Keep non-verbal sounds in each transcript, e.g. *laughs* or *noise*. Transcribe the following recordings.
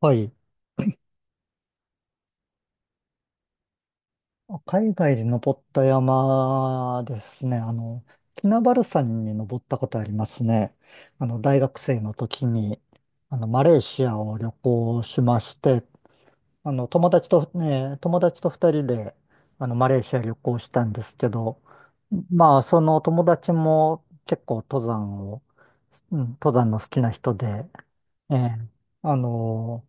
はい。海外で登った山ですね。キナバル山に登ったことありますね。大学生の時に、マレーシアを旅行しまして、友達とね、友達と二人で、マレーシア旅行したんですけど、まあ、その友達も結構登山を、うん、登山の好きな人で、ええ、あの、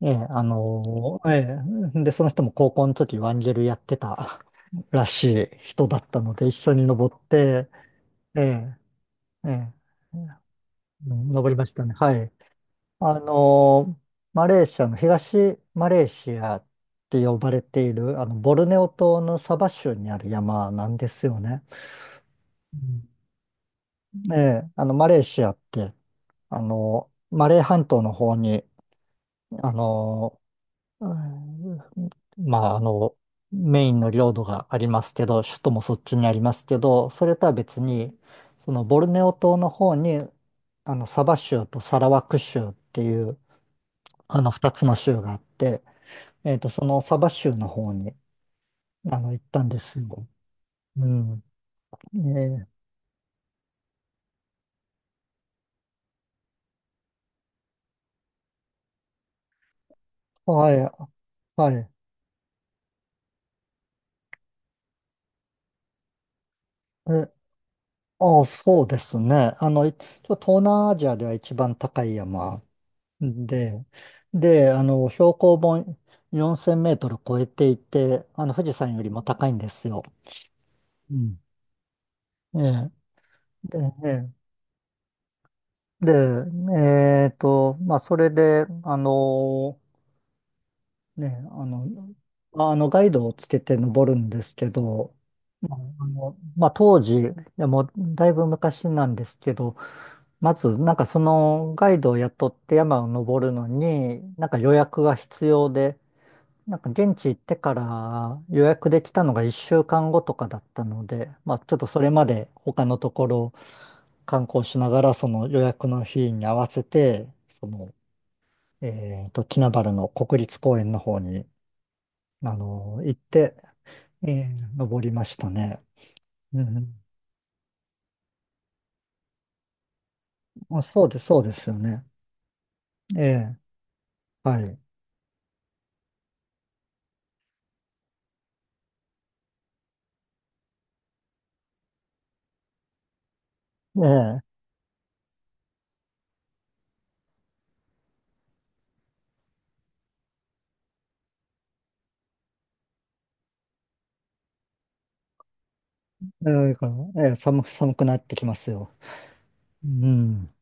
ええ、あの、えで、その人も高校の時ワンゲルやってたらしい人だったので、一緒に登って、ええ、ええ、うん登りましたね。はい。あの、マレーシアの東マレーシアって呼ばれている、ボルネオ島のサバ州にある山なんですよね。うんええ、マレーシアって、マレー半島の方に、あの、うんまあ、メインの領土がありますけど、首都もそっちにありますけど、それとは別に、そのボルネオ島の方に、サバ州とサラワク州っていう、二つの州があって、えっと、そのサバ州の方に、行ったんですよ。うん。えーはい、はい。え、ああ、そうですね。あの、いちょ東南アジアでは一番高い山で、で、標高も4000メートル超えていて、富士山よりも高いんですよ。うん。ええ、で、ねで、でえっと、まあ、それで、ね、あの、あの、ガイドをつけて登るんですけど、まあ、まあ、当時、もう、だいぶ昔なんですけど、まず、なんかそのガイドを雇って山を登るのに、なんか予約が必要で、なんか現地行ってから予約できたのが1週間後とかだったので、まあちょっとそれまで他のところ観光しながらその予約の日に合わせて、その、えっと、キナバルの国立公園の方に、行って、ええ登りましたね。うん。まあ、そうですよね。ええ、はい。ええ、ええ寒くなってきますよ。うん。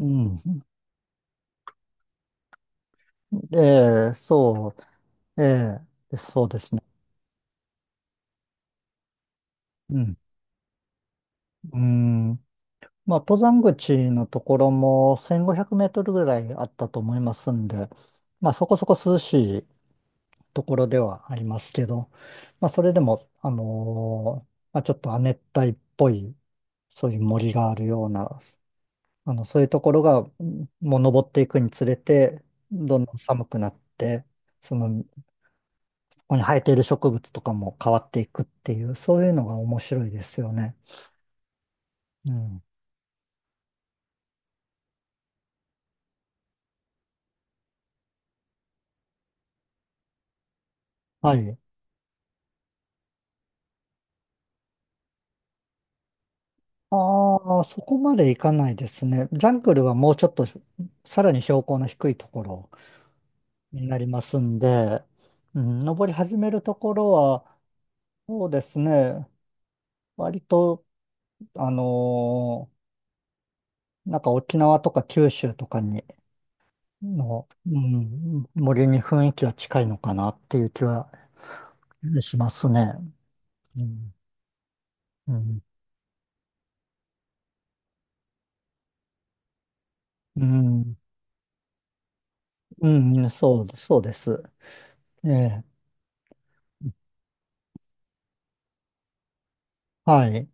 うん。ええ、そええ、そうですね。うんうん。まあ、登山口のところも1500メートルぐらいあったと思いますんで、まあ、そこそこ涼しいところではありますけど、まあ、それでも、まあ、ちょっと亜熱帯っぽい、そういう森があるような、そういうところが、もう登っていくにつれて、どんどん寒くなって、その、ここに生えている植物とかも変わっていくっていう、そういうのが面白いですよね。うん。はい。ああ、そこまでいかないですね。ジャングルはもうちょっとさらに標高の低いところになりますんで、うん、登り始めるところは、そうですね、割と、あのなんか沖縄とか九州とかにの、うん、森に雰囲気は近いのかなっていう気はしますね。うん、うん、うん、そうです。ええ、はい。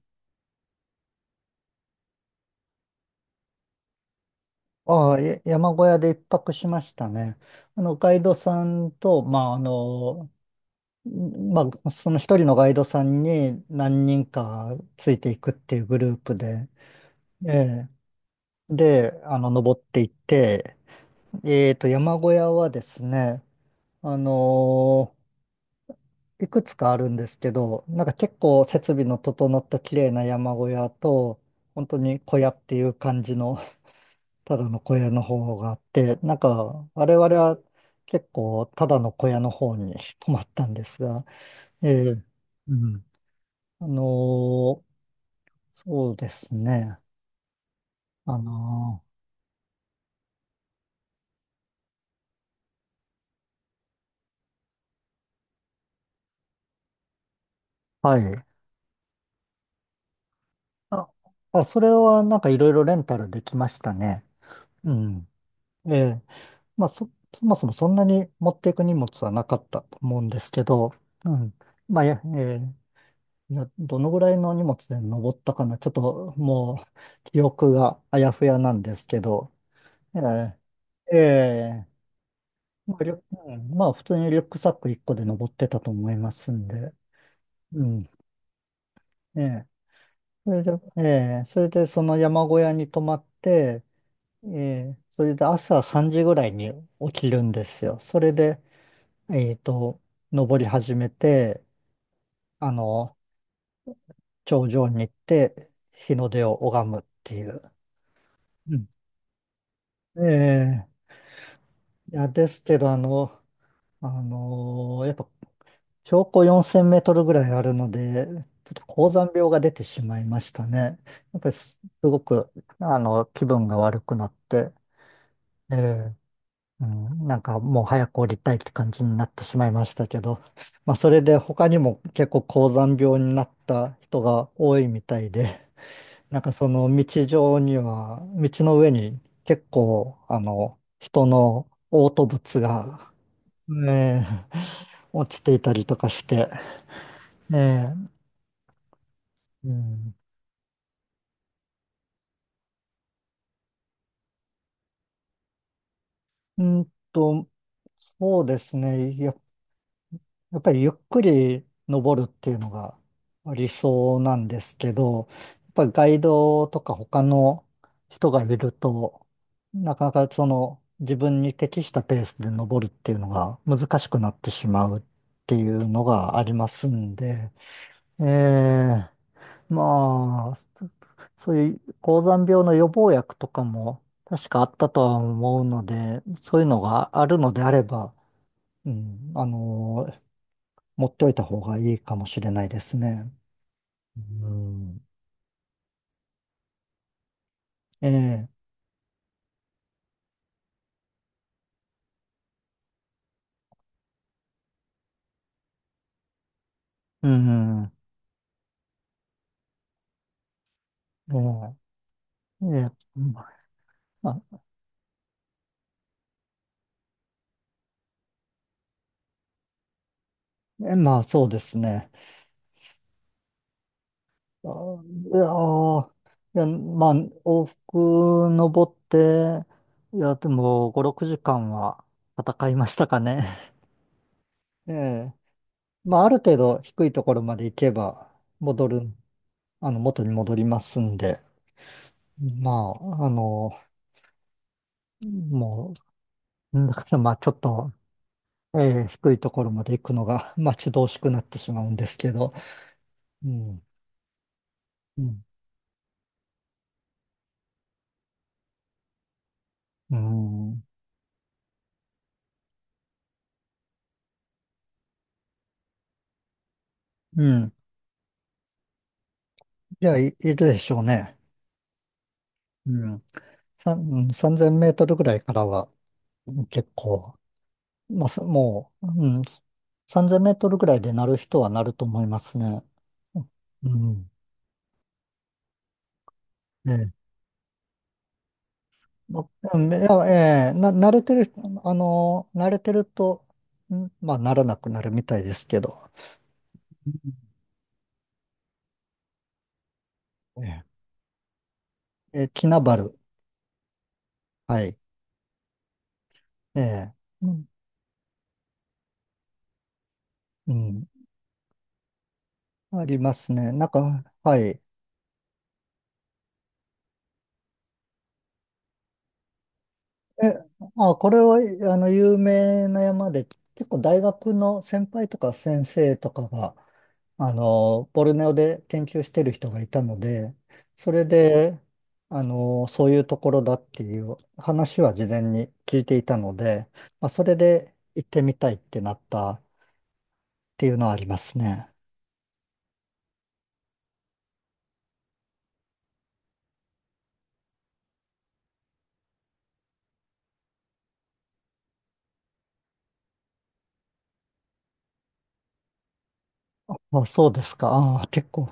ああ、山小屋で一泊しましたね。ガイドさんと、まあ、その一人のガイドさんに何人かついていくっていうグループで、ええ、で、登っていって、えっと、山小屋はですね、あのいくつかあるんですけど、なんか結構設備の整った綺麗な山小屋と、本当に小屋っていう感じのただの小屋の方があって、なんか、我々は結構ただの小屋の方に *laughs* 泊まったんですが、ええ、うん。あのーそうですね。あのーはい。あ、それはなんかいろいろレンタルできましたね。うん。ええ。まあ、そもそもそんなに持っていく荷物はなかったと思うんですけど、うん。まあ、やええいや、どのぐらいの荷物で登ったかな。ちょっともう記憶があやふやなんですけど。ええええまあ、リュうんまあ普通にリュックサック1個で登ってたと思いますんで。うん。ええそれで、えそれでその山小屋に泊まって、えそれで朝3時ぐらいに起きるんですよ。それで、えっと、登り始めて、あの、頂上に行って日の出を拝むっていう。ええ、いや、ですけど、やっぱ標高4000メートルぐらいあるので、ちょっと高山病が出てしまいましたね。やっぱりすごく、気分が悪くなって、ええ、うん、なんかもう早く降りたいって感じになってしまいましたけど、まあ、それで他にも結構高山病になった人が多いみたいで、なんかその道上には、道の上に結構、人の嘔吐物がねえ落ちていたりとかして、ねうん、うんと、そうですね、やっぱりゆっくり登るっていうのが理想なんですけど、やっぱりガイドとか他の人がいると、なかなかその自分に適したペースで登るっていうのが難しくなってしまうっていうのがありますんで、ええまあ、*laughs* そういう高山病の予防薬とかも確かあったとは思うので、そういうのがあるのであれば、うん、持っておいた方がいいかもしれないですね。うん、ええ、うん、ええ、ええ、まあ、まあそうですね。あ、いやー、いや、まあ、往復登って、いや、でも5、6時間は戦いましたかね。*laughs* ええまあ、ある程度低いところまで行けば、戻る、元に戻りますんで、まあ、もう、だからまあ、ちょっと、えー低いところまで行くのが待 *laughs* ち遠しくなってしまうんですけど、うん、うん、うん、うん。いや、いるでしょうね。うん。3000メートルぐらいからは結構、まあ、すもう、うん、3000メートルぐらいでなる人はなると思いますね。うん。ええまあ、うんいやええな、慣れてる人、あの、慣れてると、ならなくなるみたいですけど、うんえええキナバル、はい、ええうん、うんありますね。なんか、はい。え、あ、これは、有名な山で、結構大学の先輩とか先生とかが、ボルネオで研究してる人がいたので、それで、そういうところだっていう話は事前に聞いていたので、まあ、それで行ってみたいってなったっていうのはありますね。あ、そうですか。ああ、結構。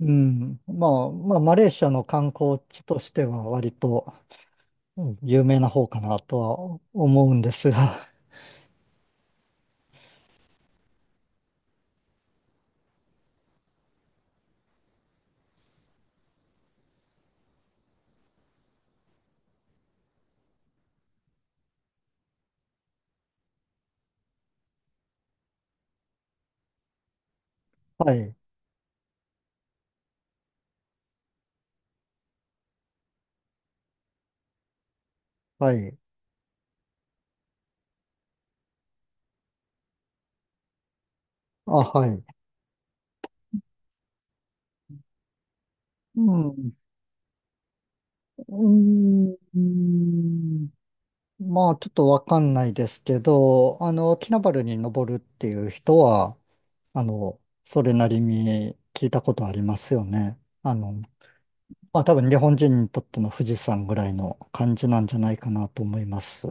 うん。まあ、まあ、マレーシアの観光地としては割とうん有名な方かなとは思うんですが。*laughs* はい。はい。あ、はい。うん。うーん。まあ、ちょっとわかんないですけど、キナバルに登るっていう人は、それなりに聞いたことありますよね。まあ、多分日本人にとっての富士山ぐらいの感じなんじゃないかなと思います。